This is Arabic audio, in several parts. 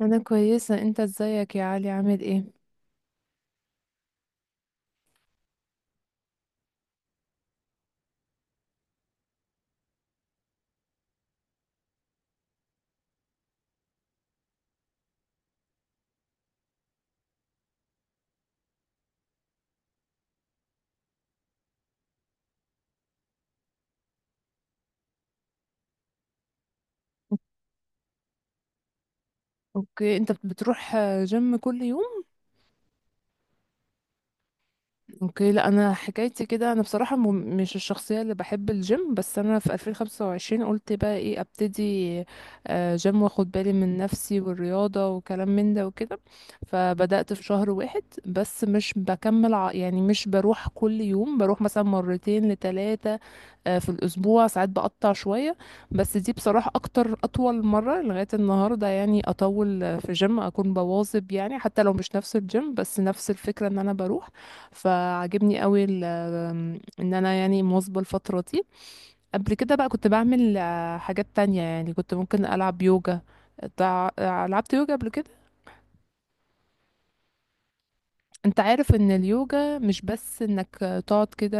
انا كويسه، انت ازيك يا علي؟ عامل ايه؟ اوكي، انت بتروح جيم كل يوم؟ اوكي. لا انا حكايتي كده، انا بصراحه مش الشخصيه اللي بحب الجيم، بس انا في 2025 قلت بقى ايه، ابتدي جيم، واخد بالي من نفسي والرياضه وكلام من ده وكده. فبدات في شهر واحد، بس مش بكمل. يعني مش بروح كل يوم، بروح مثلا مرتين لثلاثه في الاسبوع، ساعات بقطع شويه. بس دي بصراحه اكتر اطول مره لغايه النهارده، يعني اطول في جيم اكون بواظب، يعني حتى لو مش نفس الجيم بس نفس الفكره ان انا بروح. فعجبني قوي ان انا يعني مواظبه الفتره دي. قبل كده بقى كنت بعمل حاجات تانية، يعني كنت ممكن العب يوجا. لعبت يوجا قبل كده. انت عارف ان اليوجا مش بس انك تقعد كده،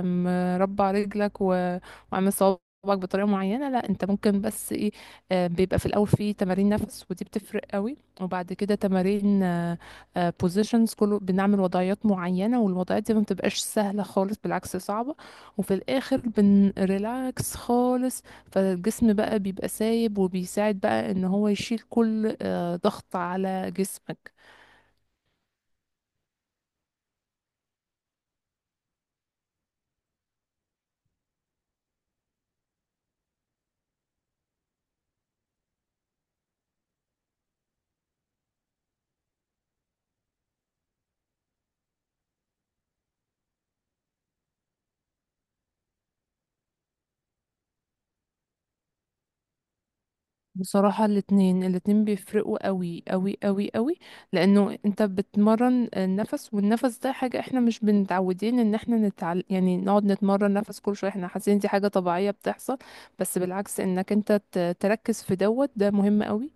ام، مربع رجلك وعامل صوابعك بطريقه معينه؟ لا، انت ممكن بس ايه، اه، بيبقى في الاول في تمارين نفس ودي بتفرق قوي، وبعد كده تمارين بوزيشنز، كله بنعمل وضعيات معينه، والوضعيات دي ما بتبقاش سهله خالص، بالعكس صعبه. وفي الاخر بنريلاكس خالص، فالجسم بقى بيبقى سايب وبيساعد بقى ان هو يشيل كل ضغط على جسمك. بصراحة الاتنين، الاتنين بيفرقوا قوي قوي قوي قوي. لأنه انت بتمرن النفس، والنفس ده حاجة احنا مش بنتعودين ان احنا نتعل... يعني نقعد نتمرن نفس كل شوية، احنا حاسين دي حاجة طبيعية بتحصل. بس بالعكس، انك انت تركز في دوت ده مهم قوي.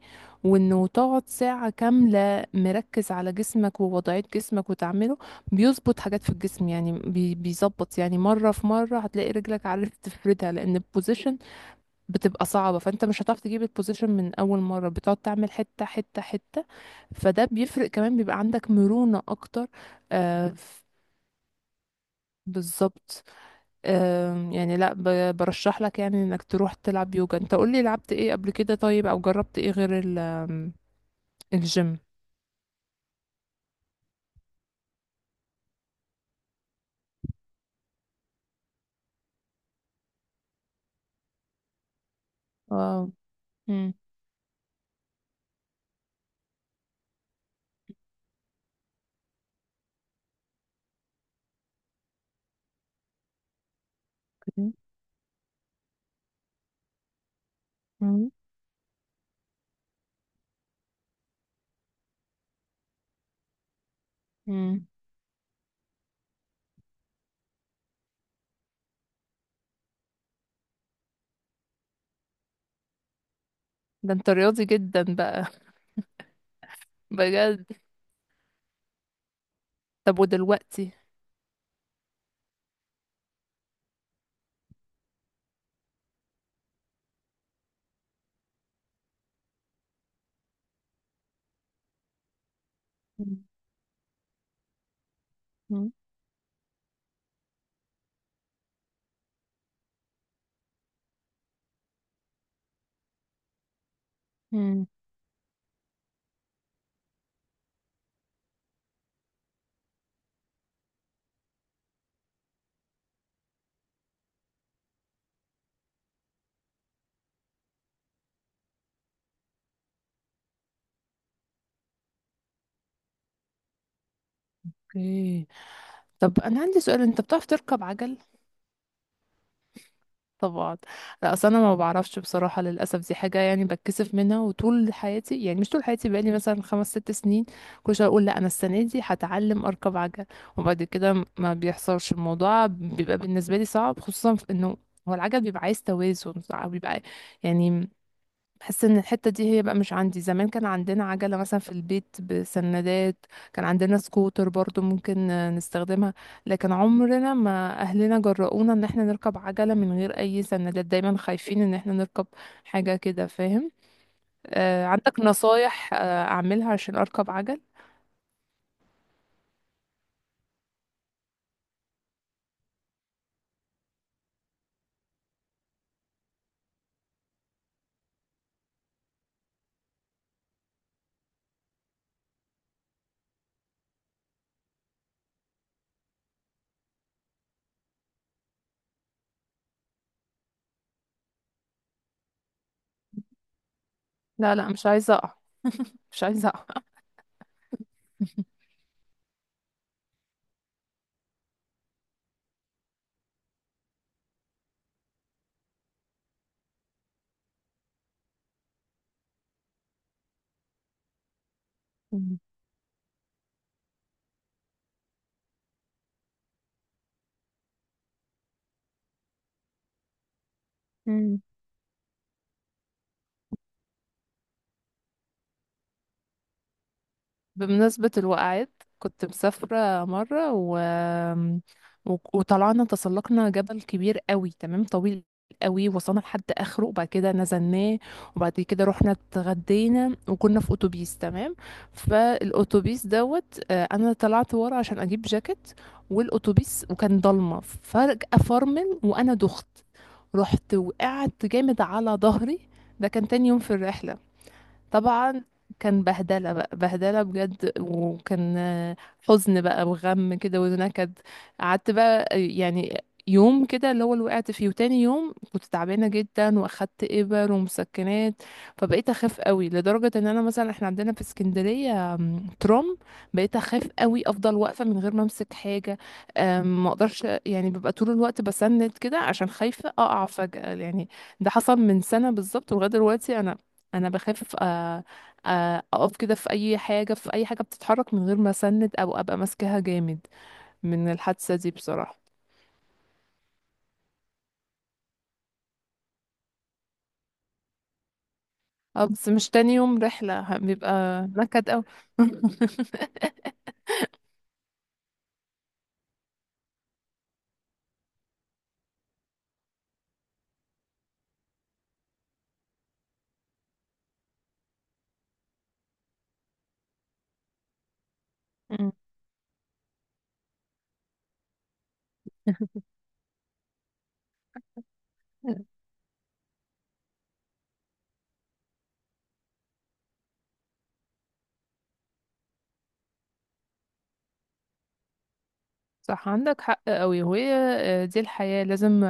وانه تقعد ساعة كاملة مركز على جسمك ووضعية جسمك وتعمله، بيظبط حاجات في الجسم. يعني بي... بيظبط، يعني مرة في مرة هتلاقي رجلك عارف تفردها، لأن البوزيشن بتبقى صعبة، فانت مش هتعرف تجيب البوزيشن من اول مرة، بتقعد تعمل حتة حتة حتة. فده بيفرق، كمان بيبقى عندك مرونة اكتر. آه ف- بالظبط. يعني لا، برشح لك يعني انك تروح تلعب يوجا. انت قولي لعبت ايه قبل كده، طيب، او جربت ايه غير ال- آم، الجيم؟ اه. مم. اوكي. مم. مم. ده انت رياضي جدا بقى! بجد؟ طب ودلوقتي؟ مم. مم. مم. اوكي. طب انا عندي سؤال، انت بتعرف تركب عجل؟ طبعا. لا اصل انا ما بعرفش بصراحه، للاسف دي حاجه يعني بتكسف منها. وطول حياتي، يعني مش طول حياتي، بقالي مثلا خمس ست سنين كل شويه اقول لا انا السنه دي هتعلم اركب عجل، وبعد كده ما بيحصلش الموضوع. بيبقى بالنسبه لي صعب، خصوصا في انه هو العجل بيبقى عايز توازن، أو بيبقى يعني بحس ان الحته دي هي بقى مش عندي. زمان كان عندنا عجله مثلا في البيت بسندات، كان عندنا سكوتر برضو ممكن نستخدمها، لكن عمرنا ما اهلنا جرؤونا ان احنا نركب عجله من غير اي سندات، دايما خايفين ان احنا نركب حاجه كده، فاهم؟ آه، عندك نصايح آه اعملها عشان اركب عجل؟ لا لا، مش عايزه اقع. مش عايزه اقع. مم. بمناسبة الوقعات، كنت مسافرة مرة و... و... وطلعنا تسلقنا جبل كبير قوي، تمام، طويل قوي. وصلنا لحد اخره وبعد كده نزلناه، وبعد كده رحنا اتغدينا وكنا في اتوبيس، تمام. فالاتوبيس دوت انا طلعت ورا عشان اجيب جاكيت، والاتوبيس وكان ضلمه فجأة فرمل، وانا دخت، رحت وقعت جامد على ظهري. ده كان تاني يوم في الرحلة، طبعا كان بهدلة بقى، بهدلة بجد. وكان حزن بقى وغم كده ونكد. قعدت بقى يعني يوم كده اللي هو اللي وقعت فيه، وتاني يوم كنت تعبانة جدا واخدت إبر ومسكنات. فبقيت أخاف قوي، لدرجة إن أنا مثلا إحنا عندنا في اسكندرية ترام، بقيت أخاف قوي، أفضل واقفة من غير ما أمسك حاجة. ما أقدرش، يعني ببقى طول الوقت بسند كده عشان خايفة أقع فجأة يعني. ده حصل من سنة بالظبط، ولغاية دلوقتي أنا انا بخاف اقف كده في اي حاجه، في اي حاجه بتتحرك من غير ما اسند او ابقى ماسكاها جامد، من الحادثه دي بصراحه. اه بس مش تاني يوم رحله، بيبقى نكد أوي. مم. صح، عندك حق أوي، وهي دي الحياه، لازم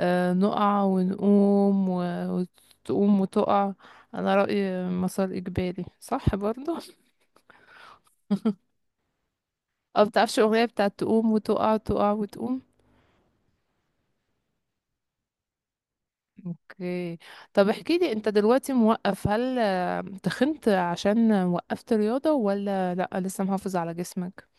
نقع ونقوم وتقوم وتقع. انا رايي مسار اجباري صح برضه. اه بتعرفش الاغنيه بتاعت تقوم وتقع، تقع وتقوم؟ اوكي. طب احكي لي، انت دلوقتي موقف، هل تخنت عشان وقفت رياضة، ولا لا لسه محافظ على جسمك؟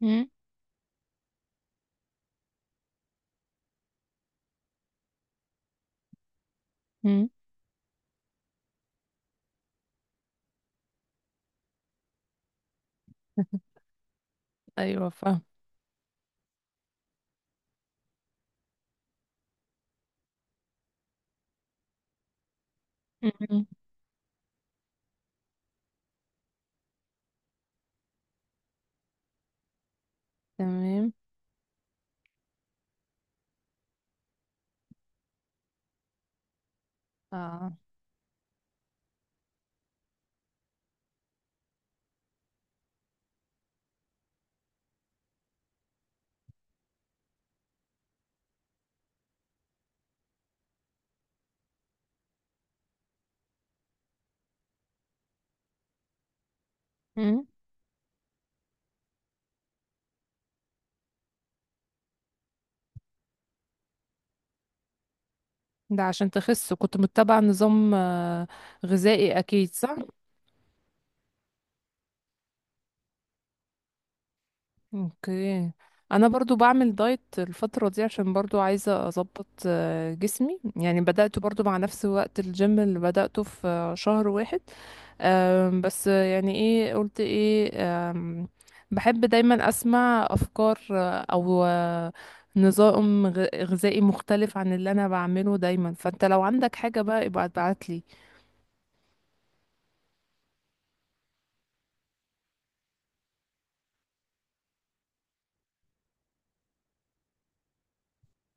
مم. مم. ايوه، فاهم. مم. تمام. اه. مم. ده عشان تخس كنت متبع نظام غذائي اكيد، صح؟ اوكي. انا برضو بعمل دايت الفترة دي، عشان برضو عايزة اظبط جسمي، يعني بدأت برضو مع نفس وقت الجيم اللي بدأته في شهر واحد. بس يعني ايه قلت ايه. آم، بحب دايما اسمع افكار آه، او آه، نظام غذائي مختلف عن اللي انا بعمله دايما، فانت لو عندك حاجة بقى ابقى ابعت لي.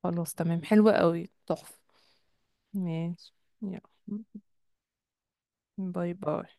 خلاص تمام، حلوة قوي، تحفة. ماشي. يلا. باي باي.